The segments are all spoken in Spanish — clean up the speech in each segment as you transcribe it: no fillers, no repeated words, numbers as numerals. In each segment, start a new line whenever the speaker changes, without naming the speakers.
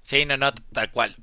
Sí, no, no, tal cual.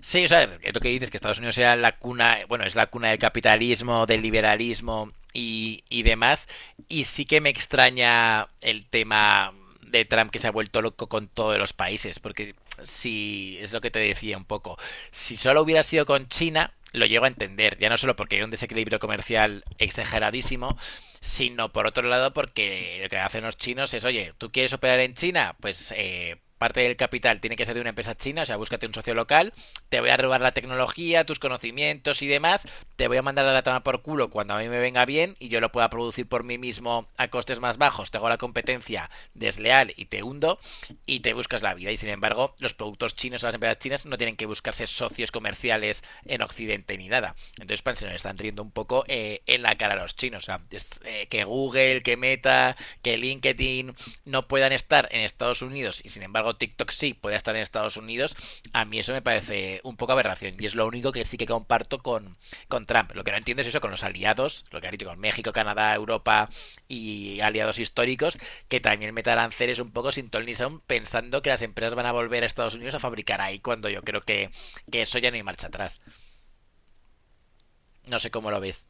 Sí, o sea, es lo que dices, que Estados Unidos era la cuna, bueno, es la cuna del capitalismo, del liberalismo y demás. Y sí que me extraña el tema de Trump que se ha vuelto loco con todos los países, porque si es lo que te decía un poco, si solo hubiera sido con China, lo llego a entender, ya no solo porque hay un desequilibrio comercial exageradísimo, sino por otro lado porque lo que hacen los chinos es, oye, ¿tú quieres operar en China? Pues parte del capital tiene que ser de una empresa china, o sea, búscate un socio local, te voy a robar la tecnología, tus conocimientos y demás, te voy a mandar a la toma por culo cuando a mí me venga bien y yo lo pueda producir por mí mismo a costes más bajos, te hago la competencia desleal y te hundo y te buscas la vida. Y sin embargo, los productos chinos o las empresas chinas no tienen que buscarse socios comerciales en Occidente ni nada. Entonces, pan, se nos están riendo un poco en la cara a los chinos. O sea, es, que Google, que Meta, que LinkedIn no puedan estar en Estados Unidos y sin embargo TikTok sí puede estar en Estados Unidos, a mí eso me parece un poco aberración y es lo único que sí que comparto con Trump. Lo que no entiendo es eso con los aliados, lo que ha dicho con México, Canadá, Europa y aliados históricos, que también metan ceres un poco sin ton ni son, pensando que las empresas van a volver a Estados Unidos a fabricar ahí cuando yo creo que eso ya no hay marcha atrás. No sé cómo lo ves.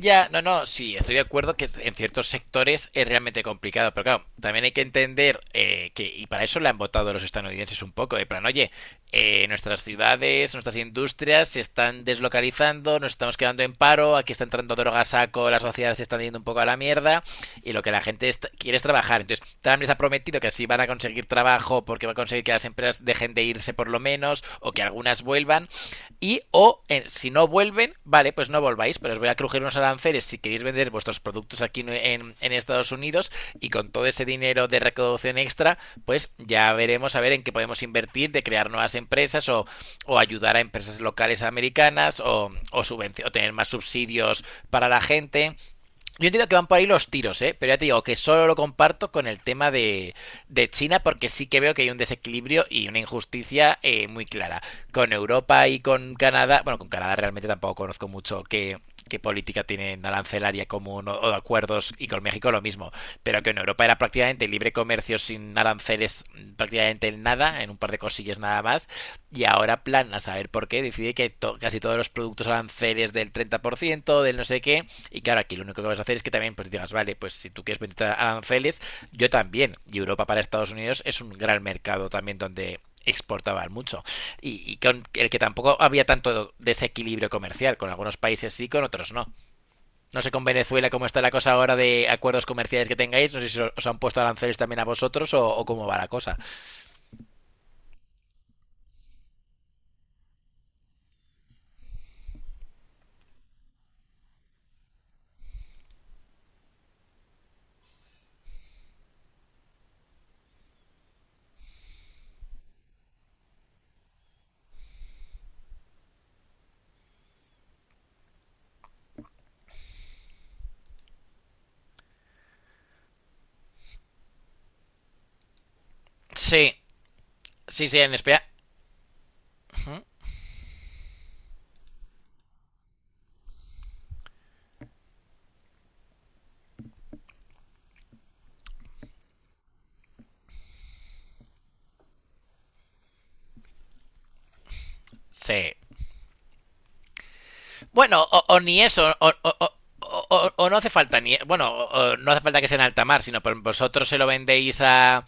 Ya, no, no, sí, estoy de acuerdo que en ciertos sectores es realmente complicado, pero claro, también hay que entender que, y para eso la han votado los estadounidenses un poco, de plan, oye, nuestras ciudades, nuestras industrias se están deslocalizando, nos estamos quedando en paro, aquí está entrando droga a saco, las sociedades se están yendo un poco a la mierda, y lo que la gente quiere es trabajar. Entonces, Trump les ha prometido que así van a conseguir trabajo porque va a conseguir que las empresas dejen de irse por lo menos, o que algunas vuelvan, y si no vuelven, vale, pues no volváis, pero os voy a crujir unos aranceles si queréis vender vuestros productos aquí en, en Estados Unidos, y con todo ese dinero de recaudación extra, pues ya veremos a ver en qué podemos invertir de crear nuevas empresas o ayudar a empresas locales americanas o, o tener más subsidios para la gente. Yo entiendo que van por ahí los tiros, ¿eh? Pero ya te digo que solo lo comparto con el tema de China porque sí que veo que hay un desequilibrio y una injusticia muy clara. Con Europa y con Canadá, bueno, con Canadá realmente tampoco conozco mucho que qué política tienen arancelaria común, o de acuerdos, y con México lo mismo, pero que en Europa era prácticamente libre comercio sin aranceles prácticamente en nada, en un par de cosillas nada más, y ahora plan a saber por qué decide que to casi todos los productos aranceles del 30%, del no sé qué, y claro, aquí lo único que vas a hacer es que también pues digas, vale, pues si tú quieres meter aranceles, yo también. Y Europa para Estados Unidos es un gran mercado también donde exportaban mucho. Y con el que tampoco había tanto desequilibrio comercial, con algunos países sí, con otros no. No sé con Venezuela cómo está la cosa ahora de acuerdos comerciales que tengáis, no sé si os han puesto aranceles también a vosotros o cómo va la cosa. Sí, sí, sí, en España. Sí, bueno, o ni eso, o no hace falta ni, bueno, o no hace falta que sea en alta mar, sino vosotros se lo vendéis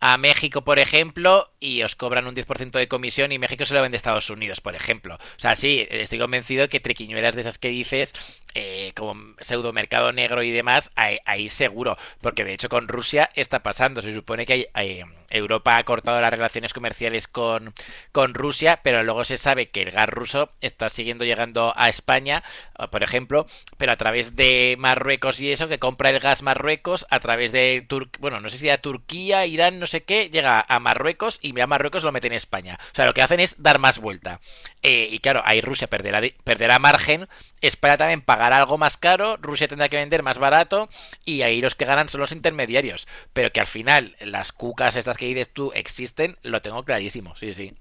a México, por ejemplo, y os cobran un 10% de comisión y México se lo vende a Estados Unidos, por ejemplo. O sea, sí, estoy convencido que triquiñuelas de esas que dices, como pseudo mercado negro y demás, ahí, ahí seguro, porque de hecho con Rusia está pasando. Se supone que Europa ha cortado las relaciones comerciales con Rusia, pero luego se sabe que el gas ruso está siguiendo llegando a España, por ejemplo, pero a través de Marruecos y eso, que compra el gas Marruecos, a través de, Tur bueno, no sé si a Turquía, Irán, no sé qué, llega a Marruecos y a Marruecos lo mete en España. O sea, lo que hacen es dar más vuelta. Y claro, ahí Rusia perderá, perderá margen, España también pagará algo más caro, Rusia tendrá que vender más barato y ahí los que ganan son los intermediarios. Pero que al final las cucas estas que dices tú existen, lo tengo clarísimo, sí, sí.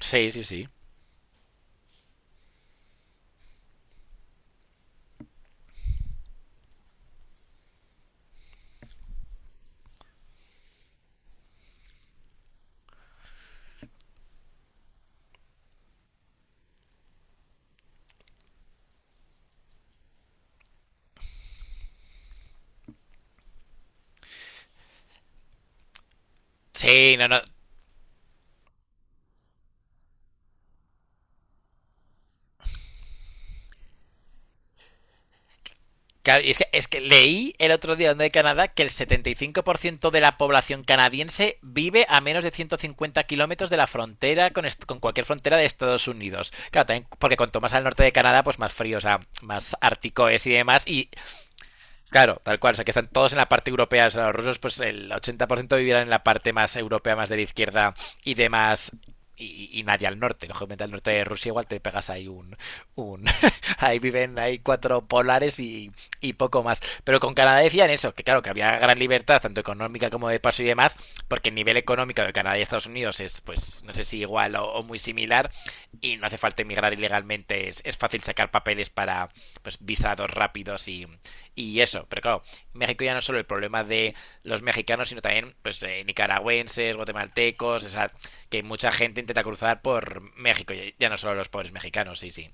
Sí, sí, sí. Sí, no, no. Claro, y es que leí el otro día donde de Canadá que el 75% de la población canadiense vive a menos de 150 kilómetros de la frontera con, con cualquier frontera de Estados Unidos. Claro, también porque cuanto más al norte de Canadá, pues más frío, o sea, más ártico es y demás, y claro, tal cual. O sea, que están todos en la parte europea. O sea, los rusos, pues el 80% vivirán en la parte más europea, más de la izquierda y demás. Y nadie al norte. Lógicamente, al norte de Rusia igual te pegas ahí un ahí viven, hay cuatro polares y poco más. Pero con Canadá decían eso, que claro, que había gran libertad, tanto económica como de paso y demás, porque el nivel económico de Canadá y Estados Unidos es, pues, no sé si igual o muy similar, y no hace falta emigrar ilegalmente. Es fácil sacar papeles para, pues, visados rápidos y eso, pero claro, México ya no es solo el problema de los mexicanos, sino también pues nicaragüenses, guatemaltecos, o sea, que mucha gente intenta cruzar por México, ya, ya no solo los pobres mexicanos, sí, sí.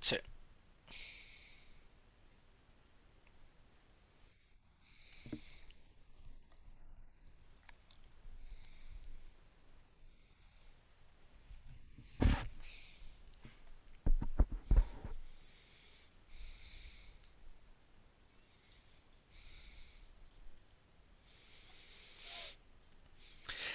Sí,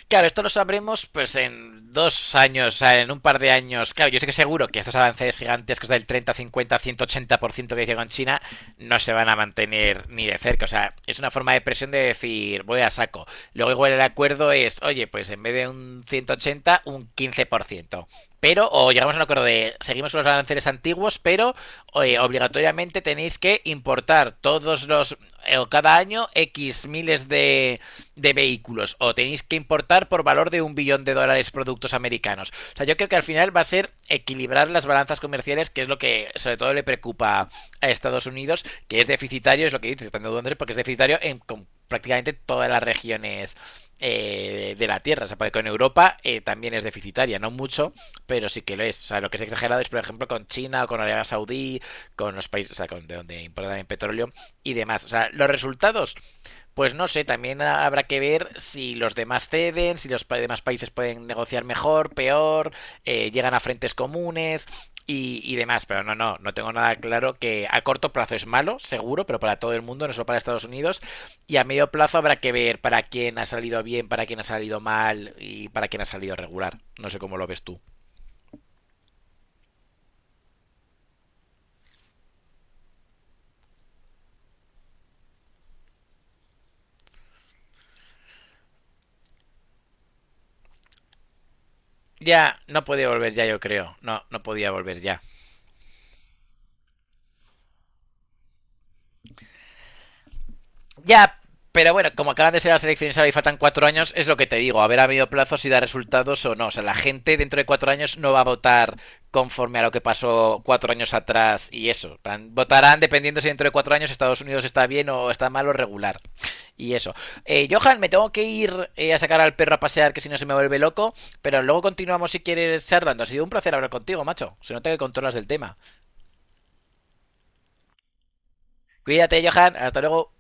claro, esto lo sabremos pues en 2 años, o sea, en un par de años. Claro, yo estoy seguro que estos avances gigantescos del 30, 50, 180% que dice con China no se van a mantener ni de cerca. O sea, es una forma de presión de decir, voy a saco. Luego igual el acuerdo es, oye, pues en vez de un 180, un 15%. Pero, o llegamos a un acuerdo de, seguimos con los aranceles antiguos, pero oye, obligatoriamente tenéis que importar todos los, o cada año, X miles de vehículos, o tenéis que importar por valor de un billón de dólares productos americanos. O sea, yo creo que al final va a ser equilibrar las balanzas comerciales, que es lo que sobre todo le preocupa a Estados Unidos, que es deficitario, es lo que dices, están dudándose porque es deficitario en con prácticamente todas las regiones. De la Tierra. O sea, porque con Europa también es deficitaria, no mucho, pero sí que lo es. O sea, lo que es exagerado es, por ejemplo, con China o con Arabia Saudí, con los países, o sea, con de donde importan petróleo y demás. O sea, los resultados pues no sé, también habrá que ver si los demás ceden, si los demás países pueden negociar mejor, peor, llegan a frentes comunes y demás. Pero no, no, no tengo nada claro que a corto plazo es malo, seguro, pero para todo el mundo, no solo para Estados Unidos. Y a medio plazo habrá que ver para quién ha salido bien, para quién ha salido mal y para quién ha salido regular. No sé cómo lo ves tú. Ya, no puede volver ya, yo creo. No, no podía volver ya. Ya, pero bueno, como acaban de ser las elecciones ahora y faltan 4 años, es lo que te digo, a ver a medio plazo si da resultados o no. O sea, la gente dentro de 4 años no va a votar conforme a lo que pasó 4 años atrás y eso. Votarán dependiendo si dentro de 4 años Estados Unidos está bien o está mal o regular. Y eso. Johan, me tengo que ir a sacar al perro a pasear, que si no se me vuelve loco. Pero luego continuamos si quieres charlando. Ha sido un placer hablar contigo, macho. Se nota que controlas el tema. Cuídate, Johan. Hasta luego.